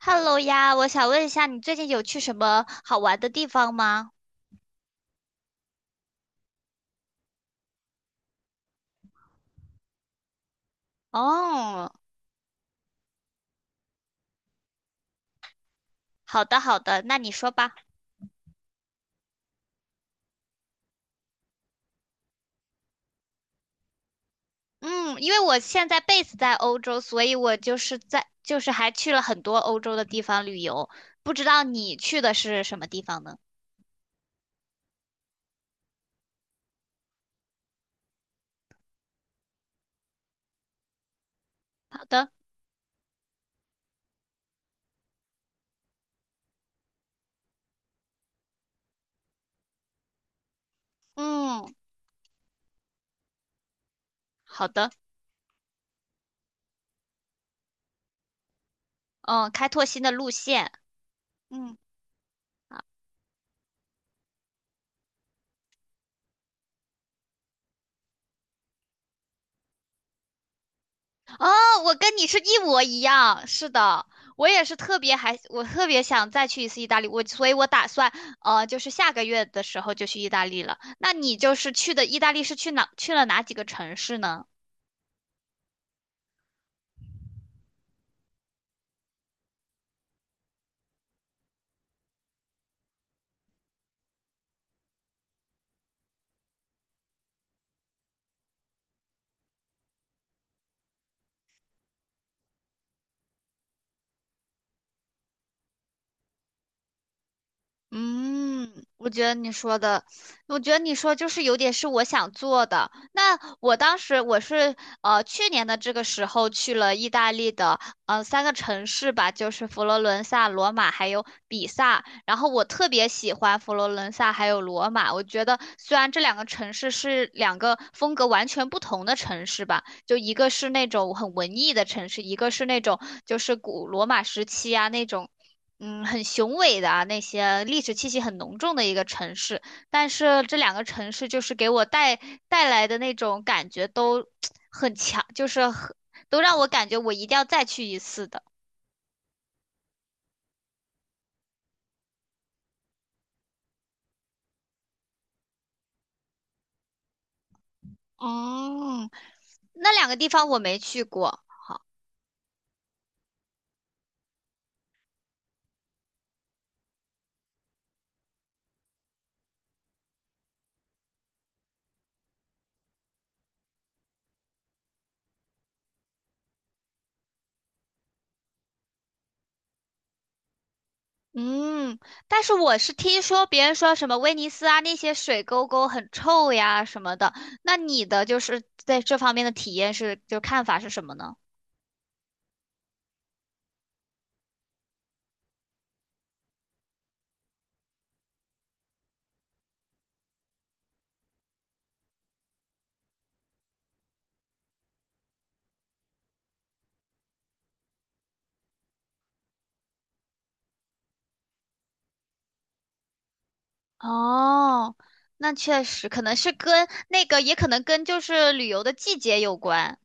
Hello 呀，我想问一下，你最近有去什么好玩的地方吗？哦，好的好的，那你说吧。嗯，因为我现在 base 在欧洲，所以我就是在就是还去了很多欧洲的地方旅游。不知道你去的是什么地方呢？好的。嗯，好的。嗯，开拓新的路线。嗯。哦，我跟你是一模一样，是的，我也是特别还，我特别想再去一次意大利，所以，我打算就是下个月的时候就去意大利了。那你去的意大利是去了哪几个城市呢？嗯，我觉得你说的，我觉得你说有点是我想做的。那我当时是去年的这个时候去了意大利的三个城市吧，就是佛罗伦萨、罗马还有比萨。然后我特别喜欢佛罗伦萨还有罗马，我觉得虽然这两个城市是两个风格完全不同的城市吧。就一个是那种很文艺的城市，一个是那种就是古罗马时期啊那种，嗯，很雄伟的啊那些历史气息很浓重的一个城市。但是这两个城市就是给我带来的那种感觉都很强，就是很都让我感觉我一定要再去一次的。哦，那两个地方我没去过。嗯，但是我是听说别人说什么威尼斯啊那些水沟沟很臭呀什么的，那你的就是在这方面的体验是，就看法是什么呢？哦，那确实可能是跟那个，也可能跟就是旅游的季节有关。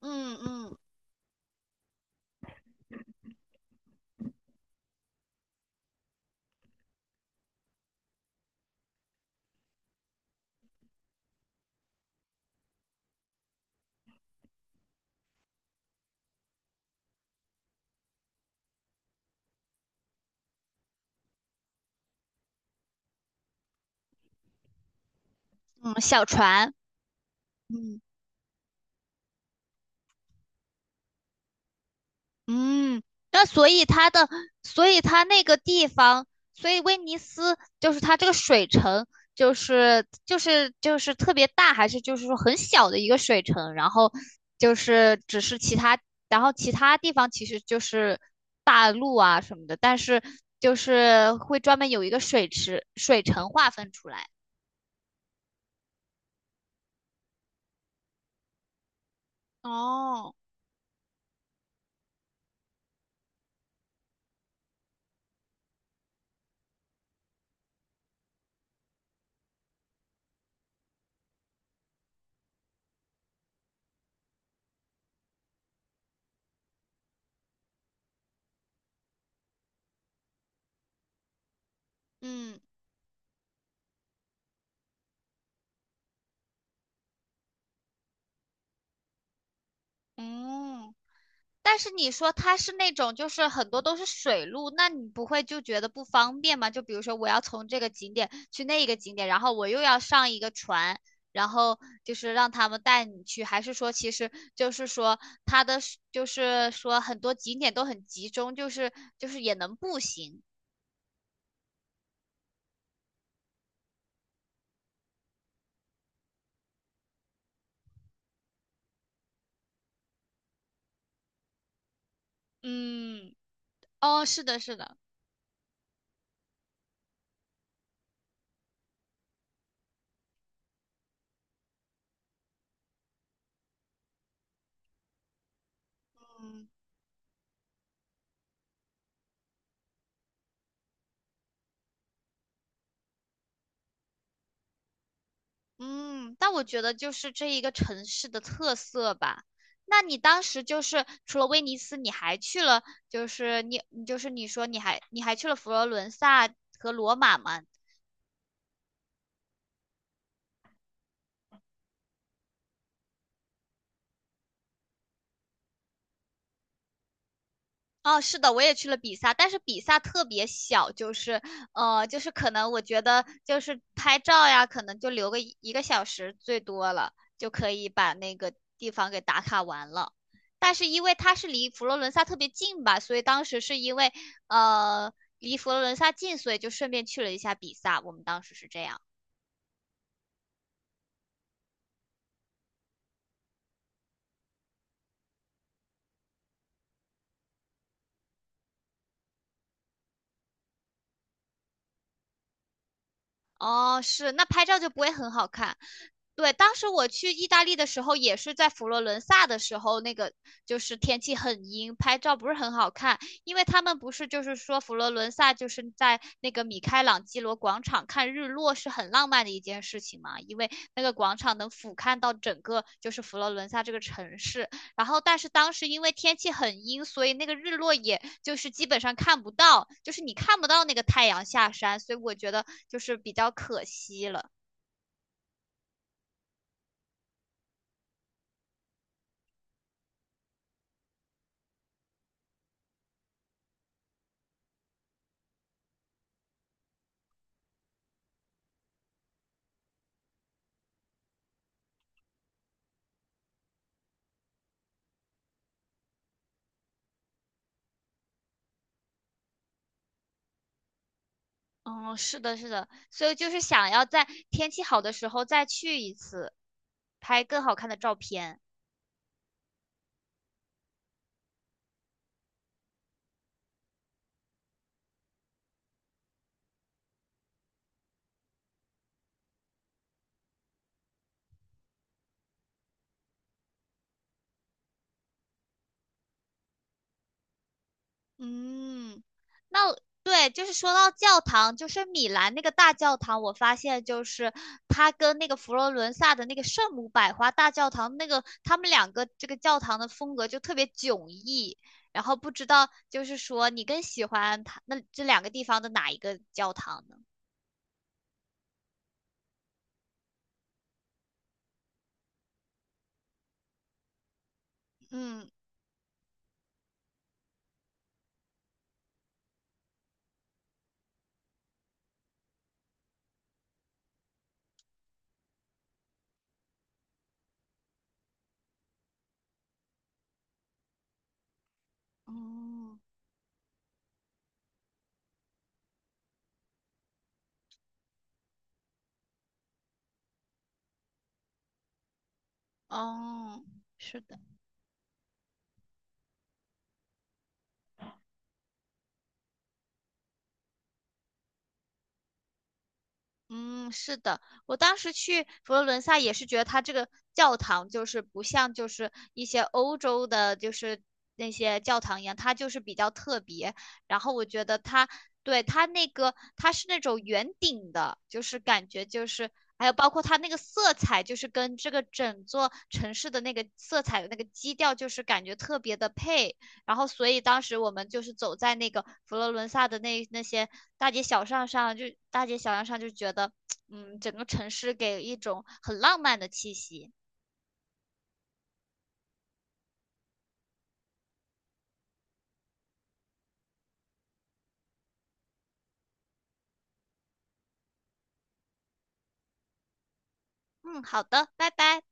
嗯嗯。嗯，小船。嗯。嗯，那所以它的，所以它那个地方，所以威尼斯就是它这个水城，就是特别大，还是就是说很小的一个水城，然后就是只是其他，然后其他地方其实就是大陆啊什么的，但是就是会专门有一个水池，水城划分出来。哦。嗯。哦。但是你说它是那种就是很多都是水路，那你不会就觉得不方便吗？就比如说我要从这个景点去那一个景点，然后我又要上一个船，然后就是让他们带你去，还是说其实就是说很多景点都很集中，就是也能步行。嗯。哦，是的，是的。嗯。嗯，但我觉得就是这一个城市的特色吧。那你当时就是除了威尼斯，你还去了，就是你，你就是你说你还你还去了佛罗伦萨和罗马吗？哦，是的，我也去了比萨，但是比萨特别小，就是就是可能我觉得就是拍照呀，可能就留个一个小时最多了，就可以把那个地方给打卡完了。但是因为它是离佛罗伦萨特别近吧，所以当时是因为离佛罗伦萨近，所以就顺便去了一下比萨。我们当时是这样。哦，是，那拍照就不会很好看。对，当时我去意大利的时候，也是在佛罗伦萨的时候，那个就是天气很阴，拍照不是很好看，因为他们不是就是说佛罗伦萨就是在那个米开朗基罗广场看日落是很浪漫的一件事情嘛，因为那个广场能俯瞰到整个就是佛罗伦萨这个城市，然后，但是当时因为天气很阴，所以那个日落也就是基本上看不到，就是你看不到那个太阳下山，所以我觉得就是比较可惜了。嗯，是的，是的，所以就是想要在天气好的时候再去一次，拍更好看的照片。嗯，那对，就是说到教堂，就是米兰那个大教堂，我发现就是它跟那个佛罗伦萨的那个圣母百花大教堂，那个他们两个这个教堂的风格就特别迥异。然后不知道就是说你更喜欢它那这两个地方的哪一个教堂呢？嗯。哦。哦，是的。嗯，是的，我当时去佛罗伦萨也是觉得它这个教堂就是不像就是一些欧洲的，就是那些教堂一样，它就是比较特别。然后我觉得它对它那个它是那种圆顶的，就是感觉就是还有包括它那个色彩，就是跟这个整座城市的那个色彩的那个基调，就是感觉特别的配。然后，所以当时我们就是走在那个佛罗伦萨的那些大街小巷上，就觉得，嗯，整个城市给一种很浪漫的气息。嗯，好的，拜拜。